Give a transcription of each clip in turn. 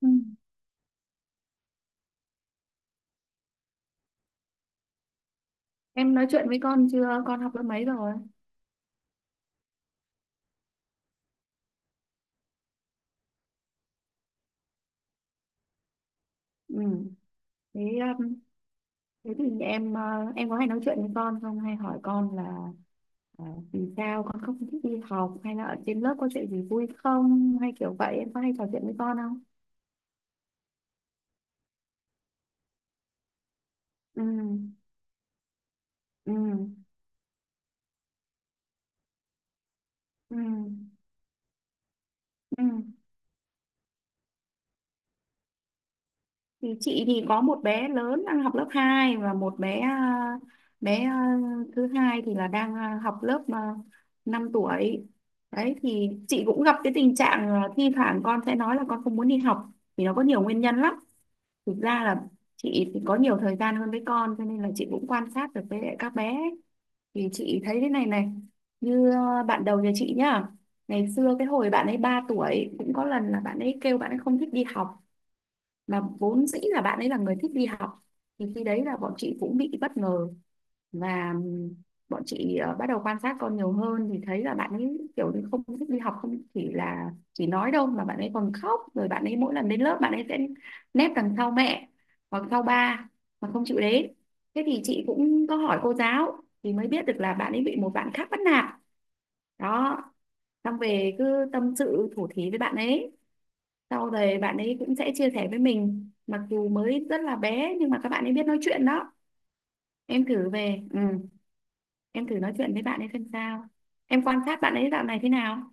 Ừ. Em nói chuyện với con chưa? Con học lớp mấy rồi? Ừ. Thế, um, thế thì em có hay nói chuyện với con không? Hay hỏi con là ờ, vì sao con không thích đi học? Hay là ở trên lớp có chuyện gì vui không? Hay kiểu vậy em có hay trò chuyện với con không? Ừ. Ừ. Ừ. Ừ. Thì chị thì có một bé lớn đang học lớp 2 và một bé bé à, thứ hai thì là đang học lớp 5 tuổi. Đấy thì chị cũng gặp cái tình trạng thi thoảng con sẽ nói là con không muốn đi học vì nó có nhiều nguyên nhân lắm. Thực ra là chị thì có nhiều thời gian hơn với con cho nên là chị cũng quan sát được với lại các bé ấy. Thì chị thấy thế này này, như bạn đầu nhà chị nhá. Ngày xưa cái hồi bạn ấy 3 tuổi cũng có lần là bạn ấy kêu bạn ấy không thích đi học, mà vốn dĩ là bạn ấy là người thích đi học. Thì khi đấy là bọn chị cũng bị bất ngờ, và bọn chị bắt đầu quan sát con nhiều hơn thì thấy là bạn ấy kiểu như không thích đi học, không chỉ là chỉ nói đâu mà bạn ấy còn khóc. Rồi bạn ấy mỗi lần đến lớp bạn ấy sẽ nép đằng sau mẹ hoặc sau ba mà không chịu đến. Thế thì chị cũng có hỏi cô giáo thì mới biết được là bạn ấy bị một bạn khác bắt nạt đó. Xong về cứ tâm sự thủ thí với bạn ấy, sau đấy bạn ấy cũng sẽ chia sẻ với mình, mặc dù mới rất là bé nhưng mà các bạn ấy biết nói chuyện đó. Em thử về, em thử nói chuyện với bạn ấy xem sao, em quan sát bạn ấy dạo này thế nào.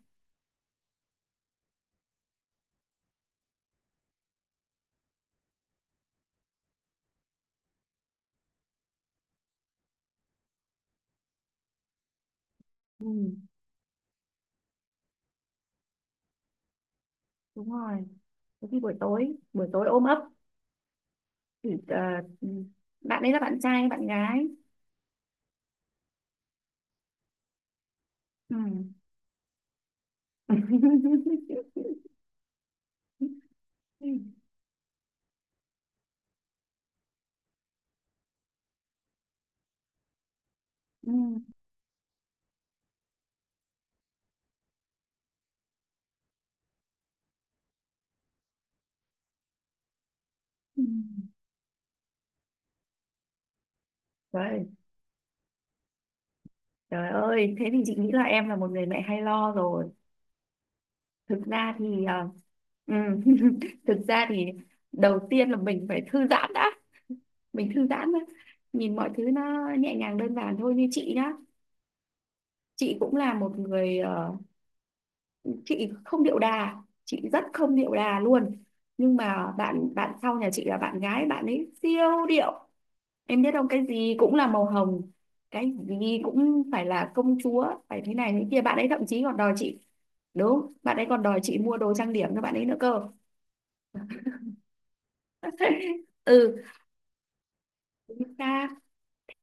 Ừ. Đúng rồi, có khi buổi tối ôm ấp thì, ừ. Bạn ấy là bạn trai hay bạn gái? Ừ. Ừ. Ừ. Trời, trời ơi, thế thì chị nghĩ là em là một người mẹ hay lo rồi. Thực ra thì ừ, thực ra thì đầu tiên là mình phải thư giãn đã, mình thư giãn đã. Nhìn mọi thứ nó nhẹ nhàng đơn giản thôi, như chị nhá, chị cũng là một người, chị không điệu đà, chị rất không điệu đà luôn. Nhưng mà bạn bạn sau nhà chị là bạn gái, bạn ấy siêu điệu. Em biết không, cái gì cũng là màu hồng, cái gì cũng phải là công chúa, phải thế này thế kia. Bạn ấy thậm chí còn đòi chị, đúng, bạn ấy còn đòi chị mua đồ trang điểm cho bạn ấy nữa cơ. Ừ, chúng ta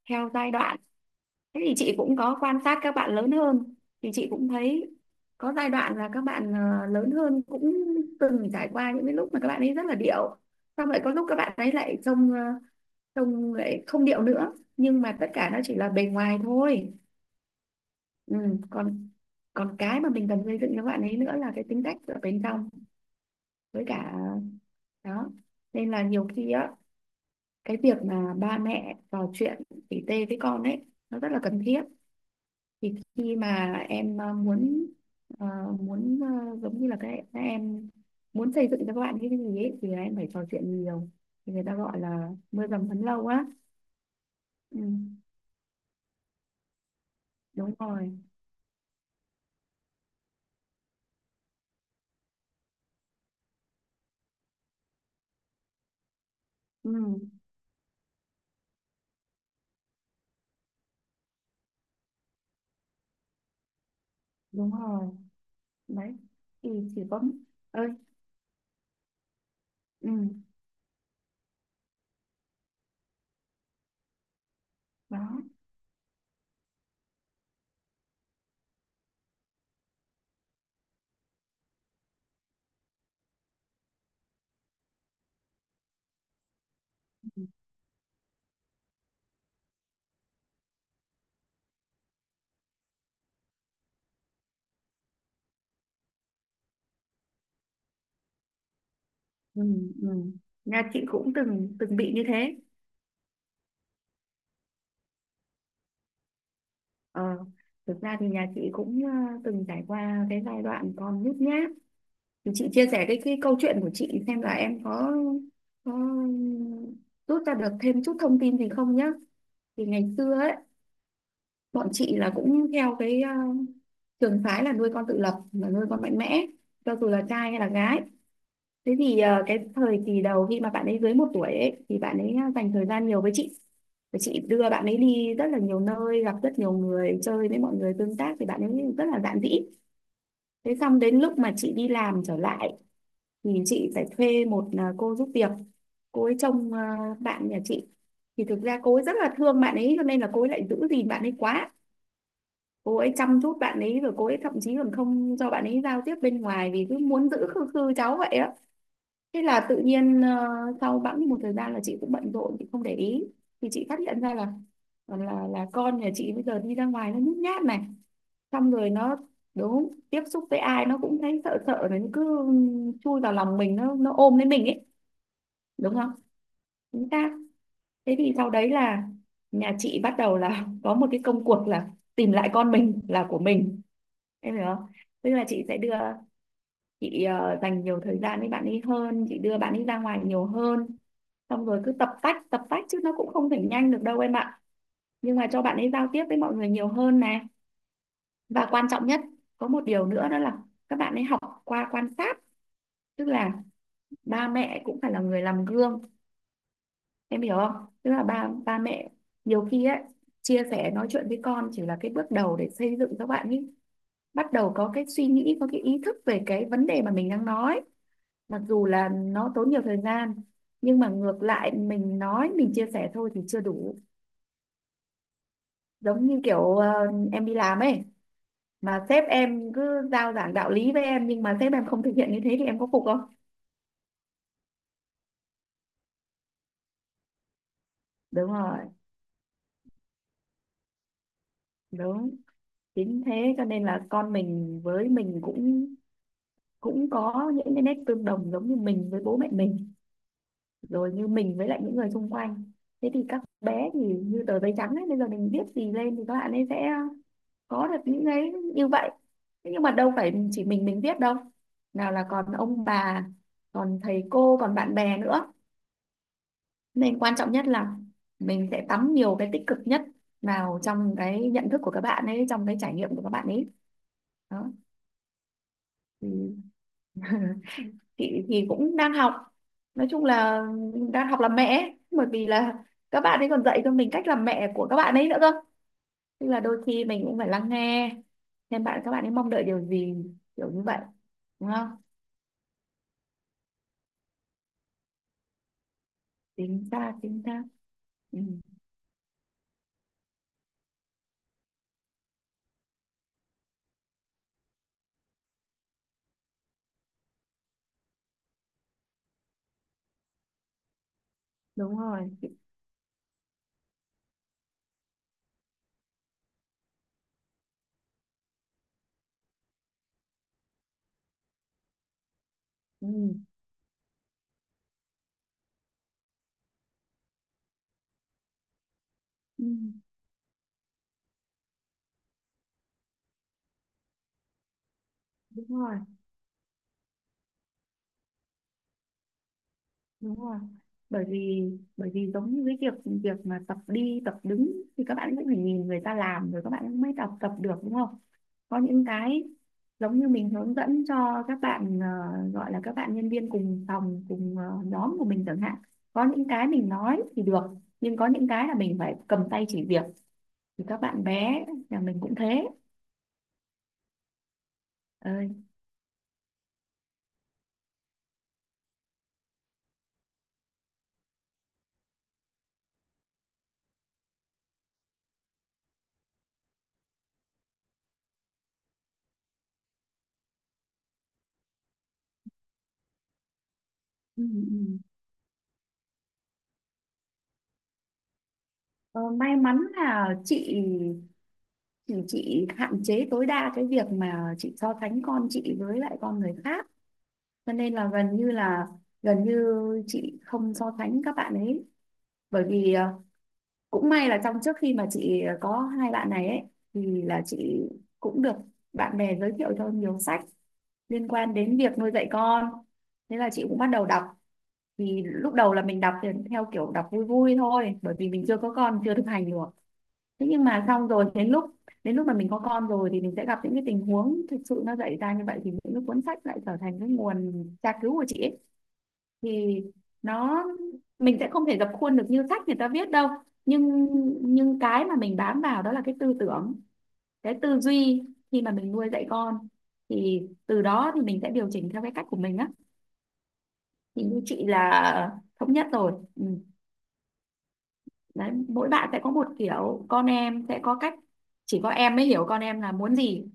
theo giai đoạn. Thế thì chị cũng có quan sát các bạn lớn hơn, thì chị cũng thấy có giai đoạn là các bạn lớn hơn cũng từng trải qua những cái lúc mà các bạn ấy rất là điệu, xong lại có lúc các bạn ấy lại trông, trông lại không điệu nữa, nhưng mà tất cả nó chỉ là bề ngoài thôi. Ừ, còn còn cái mà mình cần xây dựng cho bạn ấy nữa là cái tính cách ở bên trong, với cả đó, nên là nhiều khi á cái việc mà ba mẹ trò chuyện tỉ tê với con ấy nó rất là cần thiết. Thì khi mà em ờ, muốn, giống như là cái các em muốn xây dựng cho các bạn như cái gì ấy thì là em phải trò chuyện nhiều, thì người ta gọi là mưa dầm thấm lâu á. Ừ, đúng rồi. Ừ, đúng rồi, đấy thì chỉ có ơi, ừ, đó, ừ, ừ. Nhà chị cũng từng từng bị như thế. Ờ, thực ra thì nhà chị cũng từng trải qua cái giai đoạn còn nhút nhát. Chị chia sẻ cái câu chuyện của chị xem là em có rút ra được thêm chút thông tin gì không nhá. Thì ngày xưa ấy, bọn chị là cũng theo cái trường phái là nuôi con tự lập mà nuôi con mạnh mẽ, cho dù là trai hay là gái. Thế thì cái thời kỳ đầu khi mà bạn ấy dưới một tuổi ấy thì bạn ấy dành thời gian nhiều với chị, và chị đưa bạn ấy đi rất là nhiều nơi, gặp rất nhiều người, chơi với mọi người tương tác thì bạn ấy rất là dạn dĩ. Thế xong đến lúc mà chị đi làm trở lại thì chị phải thuê một cô giúp việc, cô ấy trông bạn nhà chị. Thì thực ra cô ấy rất là thương bạn ấy cho nên là cô ấy lại giữ gìn bạn ấy quá, cô ấy chăm chút bạn ấy, rồi cô ấy thậm chí còn không cho bạn ấy giao tiếp bên ngoài vì cứ muốn giữ khư khư cháu vậy á. Thế là tự nhiên sau bẵng một thời gian là chị cũng bận rộn, chị không để ý, thì chị phát hiện ra là là con nhà chị bây giờ đi ra ngoài nó nhút nhát này. Xong rồi nó, đúng, tiếp xúc với ai nó cũng thấy sợ sợ này, nó cứ chui vào lòng mình, nó ôm lấy mình ấy. Đúng không, chính xác. Thế thì sau đấy là nhà chị bắt đầu là có một cái công cuộc là tìm lại con mình là của mình, em hiểu không. Tức là chị sẽ đưa, chị dành nhiều thời gian với bạn ấy hơn, chị đưa bạn ấy ra ngoài nhiều hơn, xong rồi cứ tập tách chứ nó cũng không thể nhanh được đâu em ạ. Nhưng mà cho bạn ấy giao tiếp với mọi người nhiều hơn này, và quan trọng nhất, có một điều nữa đó là các bạn ấy học qua quan sát. Tức là ba mẹ cũng phải là người làm gương, em hiểu không. Tức là ba ba mẹ nhiều khi ấy chia sẻ nói chuyện với con chỉ là cái bước đầu để xây dựng các bạn ấy, bắt đầu có cái suy nghĩ, có cái ý thức về cái vấn đề mà mình đang nói, mặc dù là nó tốn nhiều thời gian. Nhưng mà ngược lại mình nói mình chia sẻ thôi thì chưa đủ. Giống như kiểu em đi làm ấy, mà sếp em cứ giao giảng đạo lý với em, nhưng mà sếp em không thực hiện như thế thì em có phục không? Đúng rồi, đúng, chính thế. Cho nên là con mình với mình cũng cũng có những cái nét tương đồng, giống như mình với bố mẹ mình, rồi như mình với lại những người xung quanh. Thế thì các bé thì như tờ giấy trắng ấy, bây giờ mình viết gì lên thì các bạn ấy sẽ có được những cái như vậy. Thế nhưng mà đâu phải chỉ mình viết đâu, nào là còn ông bà, còn thầy cô, còn bạn bè nữa, nên quan trọng nhất là mình sẽ tắm nhiều cái tích cực nhất vào trong cái nhận thức của các bạn ấy, trong cái trải nghiệm của các bạn ấy. Đó. Ừ. Chị thì cũng đang học, nói chung là đang học làm mẹ ấy, bởi vì là các bạn ấy còn dạy cho mình cách làm mẹ của các bạn ấy nữa cơ. Tức là đôi khi mình cũng phải lắng nghe xem các bạn ấy mong đợi điều gì, kiểu như vậy, đúng không. Chính xác, chính xác. Ừ, đúng rồi. Ừ, ừ, đúng rồi, đúng rồi. Bởi vì bởi vì giống như cái việc việc mà tập đi tập đứng thì các bạn cũng phải nhìn người ta làm rồi các bạn mới tập tập được, đúng không. Có những cái giống như mình hướng dẫn cho các bạn, gọi là các bạn nhân viên cùng phòng cùng nhóm của mình chẳng hạn, có những cái mình nói thì được, nhưng có những cái là mình phải cầm tay chỉ việc, thì các bạn bé nhà mình cũng thế. Ơi. Ừ, ừ. Ờ, may mắn là chị thì chị hạn chế tối đa cái việc mà chị so sánh con chị với lại con người khác. Cho nên là gần như chị không so sánh các bạn ấy, bởi vì cũng may là trong trước khi mà chị có hai bạn này ấy thì là chị cũng được bạn bè giới thiệu cho nhiều sách liên quan đến việc nuôi dạy con, thế là chị cũng bắt đầu đọc. Thì lúc đầu là mình đọc thì theo kiểu đọc vui vui thôi bởi vì mình chưa có con, chưa thực hành được. Thế nhưng mà xong rồi đến lúc mà mình có con rồi thì mình sẽ gặp những cái tình huống thực sự nó dạy ra như vậy, thì những cái cuốn sách lại trở thành cái nguồn tra cứu của chị ấy. Thì nó, mình sẽ không thể dập khuôn được như sách người ta viết đâu, nhưng nhưng cái mà mình bám vào đó là cái tư tưởng, cái tư duy khi mà mình nuôi dạy con, thì từ đó thì mình sẽ điều chỉnh theo cái cách của mình á. Thì như chị là thống nhất rồi. Ừ, đấy mỗi bạn sẽ có một kiểu, con em sẽ có cách, chỉ có em mới hiểu con em là muốn gì,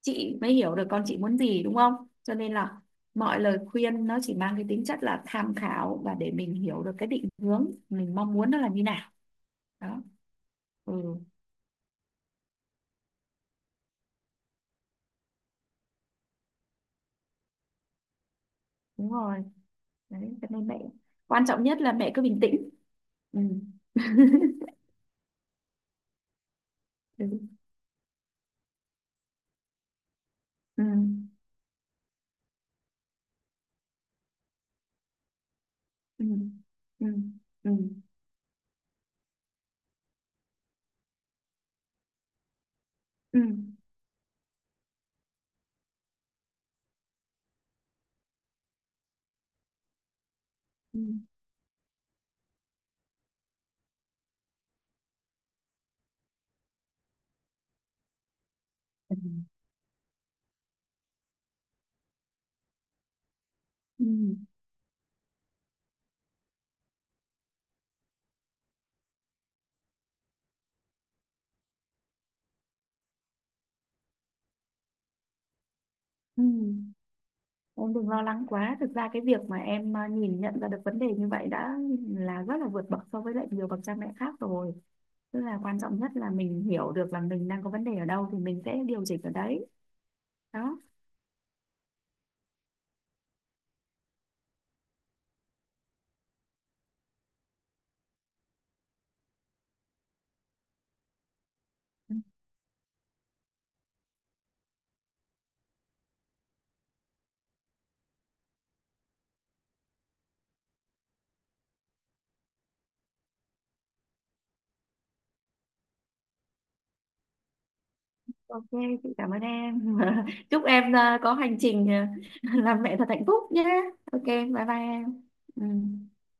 chị mới hiểu được con chị muốn gì, đúng không. Cho nên là mọi lời khuyên nó chỉ mang cái tính chất là tham khảo, và để mình hiểu được cái định hướng mình mong muốn nó là như nào. Đó. Ừ, đúng rồi. Đấy cho nên mẹ quan trọng nhất là mẹ cứ bình tĩnh. Ừ. Ừ. Ừ. Ừ. Ừ. Ừ. Ừ. Ừ. Ừ. Ừ. Ừ. Em đừng lo lắng quá. Thực ra cái việc mà em nhìn nhận ra được vấn đề như vậy đã là rất là vượt bậc so với lại nhiều bậc cha mẹ khác rồi. Tức là quan trọng nhất là mình hiểu được là mình đang có vấn đề ở đâu thì mình sẽ điều chỉnh ở đấy. Đó. Ok, chị cảm ơn em. Chúc em có hành trình làm mẹ thật hạnh phúc nhé. Ok, bye bye em. Ừ.